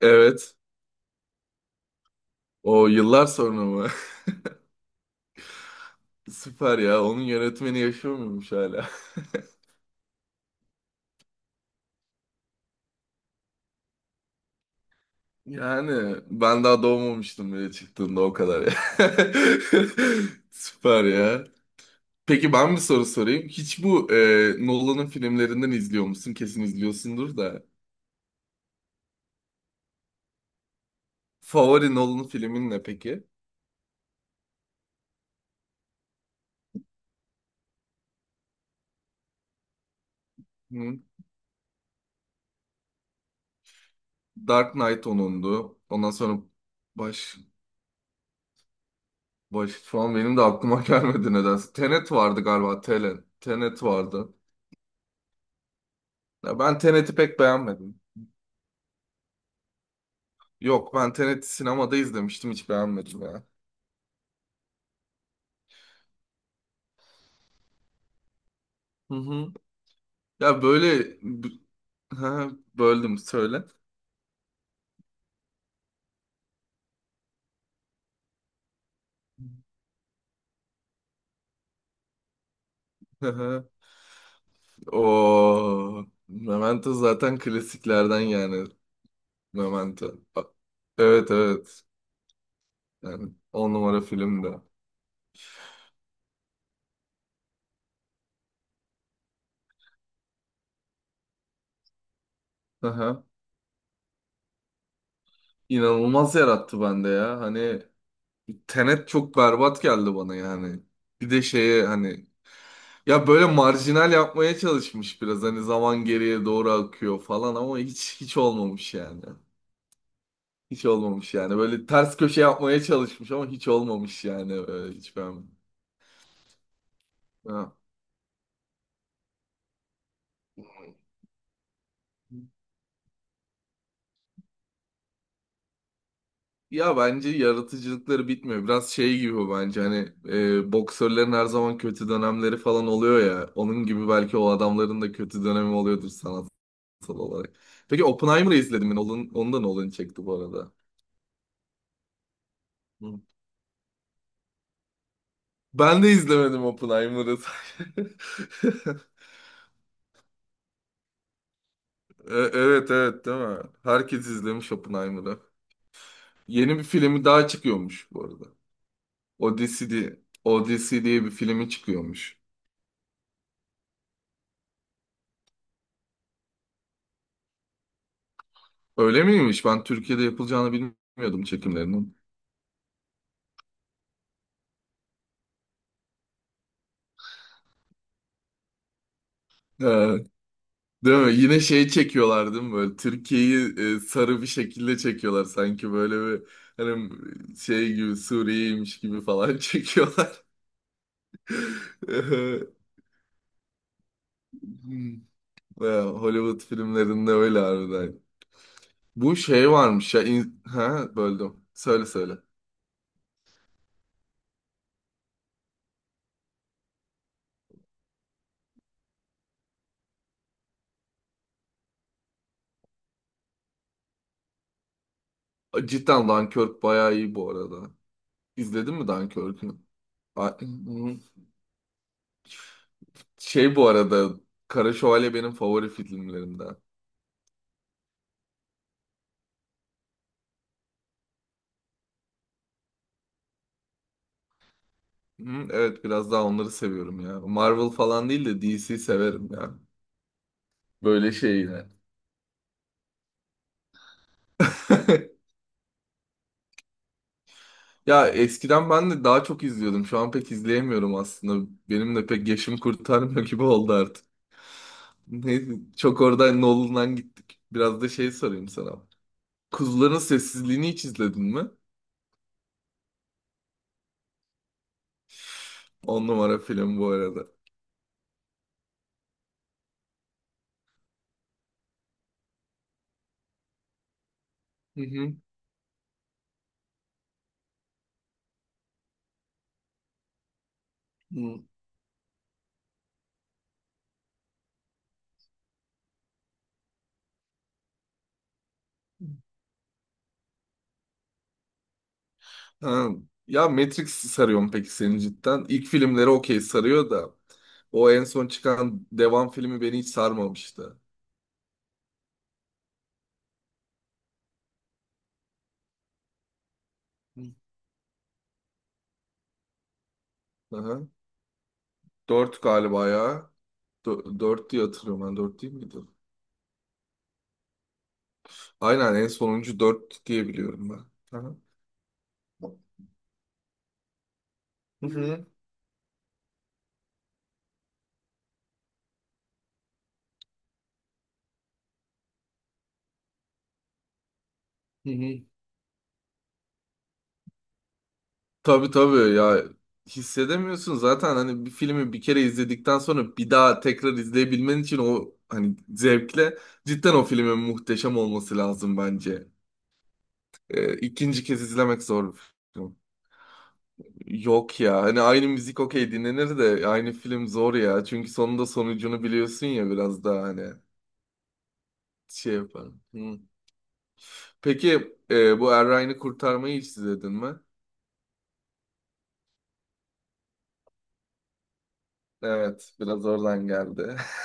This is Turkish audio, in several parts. Evet. O yıllar sonra mı? Süper ya. Onun yönetmeni yaşıyor muymuş hala? Yani ben daha doğmamıştım bile çıktığında o kadar ya. Süper ya. Peki ben bir soru sorayım. Hiç bu Nolan'ın filmlerinden izliyor musun? Kesin izliyorsundur da. Favori Nolan filmin ne peki? Hı? Dark Knight onundu. Ondan sonra baş baş şu an benim de aklıma gelmedi nedense. Tenet vardı galiba. Tenet vardı. Ya ben Tenet'i pek beğenmedim. Yok ben Tenet'i sinemada izlemiştim hiç beğenmedim ya. Hı hı. Ya böyle b- ha, böldüm söyle. Hı hı. Oo, Memento zaten klasiklerden yani Memento. Evet evet. Yani 10 numara filmdi. Hı hı. İnanılmaz yarattı bende ya. Hani Tenet çok berbat geldi bana yani. Bir de şeye hani Ya böyle marjinal yapmaya çalışmış biraz hani zaman geriye doğru akıyor falan ama hiç olmamış yani. Hiç olmamış yani. Böyle ters köşe yapmaya çalışmış ama hiç olmamış yani. Böyle hiç ben. Ha. Ya bence yaratıcılıkları bitmiyor. Biraz şey gibi bu bence hani boksörlerin her zaman kötü dönemleri falan oluyor ya. Onun gibi belki o adamların da kötü dönemi oluyordur sanatsal olarak. Peki Oppenheimer'ı izledim ben. Onun, onu da Nolan çekti bu arada. Hı. Ben de izlemedim Oppenheimer'ı. Evet evet değil mi? Herkes izlemiş Oppenheimer'ı. Yeni bir filmi daha çıkıyormuş bu arada. Odyssey diye, Odyssey diye bir filmi çıkıyormuş. Öyle miymiş? Ben Türkiye'de yapılacağını bilmiyordum çekimlerinin. E, değil mi? Yine şey çekiyorlar değil mi? Böyle Türkiye'yi sarı bir şekilde çekiyorlar. Sanki böyle bir hani şey gibi Suriye'ymiş gibi falan çekiyorlar. Ya, Hollywood filmlerinde öyle harbiden. Bu şey varmış ya. Ha, böldüm. Söyle söyle. Cidden Dunkirk bayağı iyi bu arada. İzledin mi Dunkirk'ü? A- Şey bu arada. Kara Şövalye benim favori filmlerimden. Hı, evet biraz daha onları seviyorum ya. Marvel falan değil de DC severim ya. Böyle şeyler. Ya eskiden ben de daha çok izliyordum. Şu an pek izleyemiyorum aslında. Benim de pek yaşım kurtarmıyor gibi oldu. Neyse, çok oradan Nolan'dan gittik. Biraz da şey sorayım sana. Kuzuların Sessizliğini hiç izledin mi? 10 numara film bu arada. Hı hı. Hı. Ha. Ya Matrix sarıyor mu peki seni cidden? İlk filmleri okey sarıyor da o en son çıkan devam filmi beni hiç sarmamıştı. Hı. Aha. Dört galiba ya. Dört diye hatırlıyorum ben. Dört değil miydi? Aynen en sonuncu dört diye biliyorum ben. Aha. Hı hı. Hı hı. Tabii tabii ya hissedemiyorsun zaten hani bir filmi bir kere izledikten sonra bir daha tekrar izleyebilmen için o hani zevkle cidden o filmin muhteşem olması lazım bence. İkinci kez izlemek zor bir film. Yok ya hani aynı müzik okey dinlenir de aynı film zor ya çünkü sonunda sonucunu biliyorsun ya biraz daha hani şey yaparım. Hı. Peki bu Er Ryan'ı kurtarmayı hiç izledin mi? Evet biraz oradan geldi.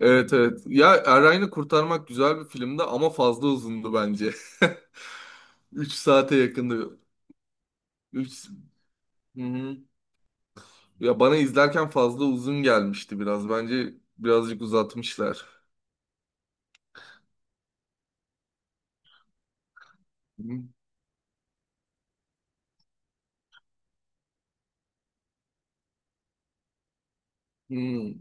Evet evet. Ya Erayn'ı kurtarmak güzel bir filmdi ama fazla uzundu bence. 3 saate yakındı. 3 Hı-hı. Ya bana izlerken fazla uzun gelmişti biraz. Bence birazcık uzatmışlar. Hı-hı.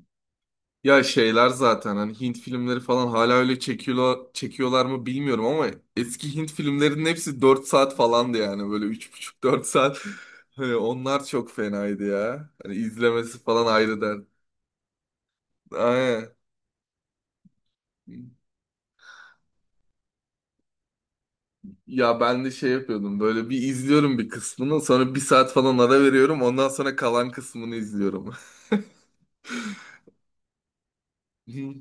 Ya şeyler zaten hani Hint filmleri falan hala öyle çekiyorlar, çekiyorlar mı bilmiyorum ama eski Hint filmlerinin hepsi 4 saat falandı yani böyle 3,5-4 saat. Hani onlar çok fenaydı ya. Hani izlemesi falan ayrı der. Aynen. Ya ben de şey yapıyordum böyle bir izliyorum bir kısmını sonra bir saat falan ara veriyorum ondan sonra kalan kısmını izliyorum. Hı.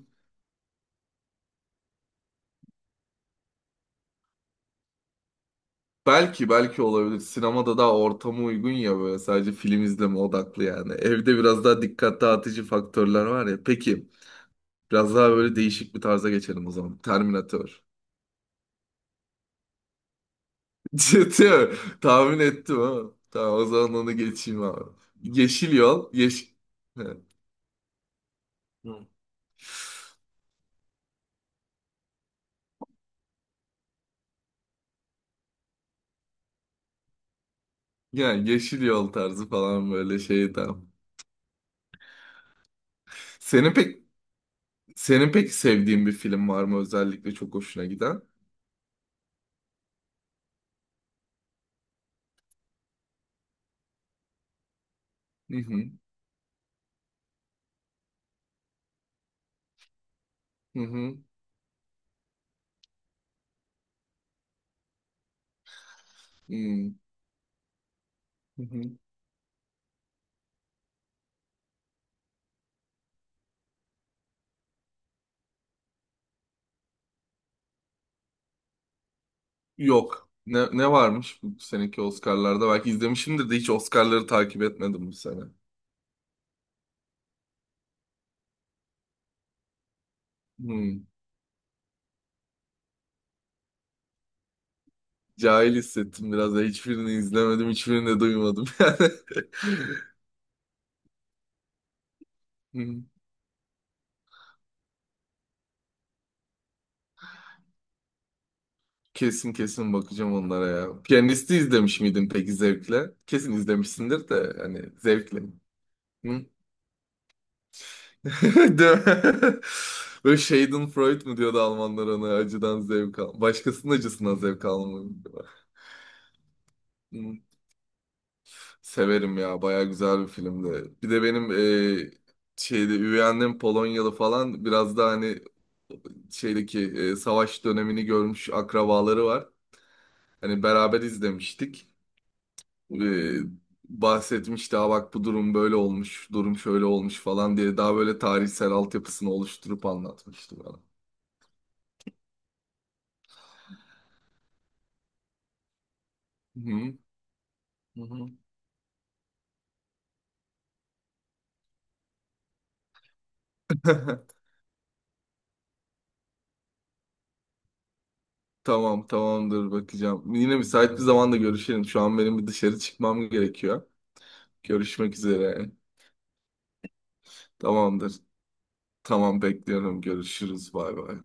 Belki olabilir. Sinemada daha ortama uygun ya böyle sadece film izleme odaklı yani. Evde biraz daha dikkat dağıtıcı faktörler var ya. Peki biraz daha böyle değişik bir tarza geçelim o zaman. Terminator. Ciddi mi? Tahmin ettim ha. Tamam o zaman onu geçeyim abi. Yeşil yol. He. Hı. Yani yeşil yol tarzı falan böyle şey tamam. Senin pek Senin peki sevdiğin bir film var mı özellikle çok hoşuna giden? Hı hı. Hı hı. Hı hı. Yok. Ne varmış bu seneki Oscar'larda? Belki izlemişimdir de hiç Oscar'ları takip etmedim bu sene. Hı. Cahil hissettim biraz da hiçbirini izlemedim, hiçbirini de duymadım yani. Hı. Kesin kesin bakacağım onlara ya. Piyanisti izlemiş miydin peki zevkle? Kesin izlemişsindir de hani zevkle mi? Değil mi? Böyle Schadenfreude mu diyordu Almanlar ona acıdan zevk al. Başkasının acısından zevk almayı. Severim ya baya güzel bir filmdi. Bir de benim e, şeyde üvey annem Polonyalı falan biraz da hani şeydeki savaş dönemini görmüş akrabaları var. Hani beraber izlemiştik. E, bahsetmişti "Aa bak bu durum böyle olmuş, durum şöyle olmuş falan diye daha böyle tarihsel altyapısını oluşturup anlatmıştı bana. Hı hı. Hı hı. Tamam tamamdır bakacağım. Yine müsait bir zamanda görüşelim. Şu an benim bir dışarı çıkmam gerekiyor. Görüşmek üzere. Tamamdır. Tamam bekliyorum. Görüşürüz. Bay bay.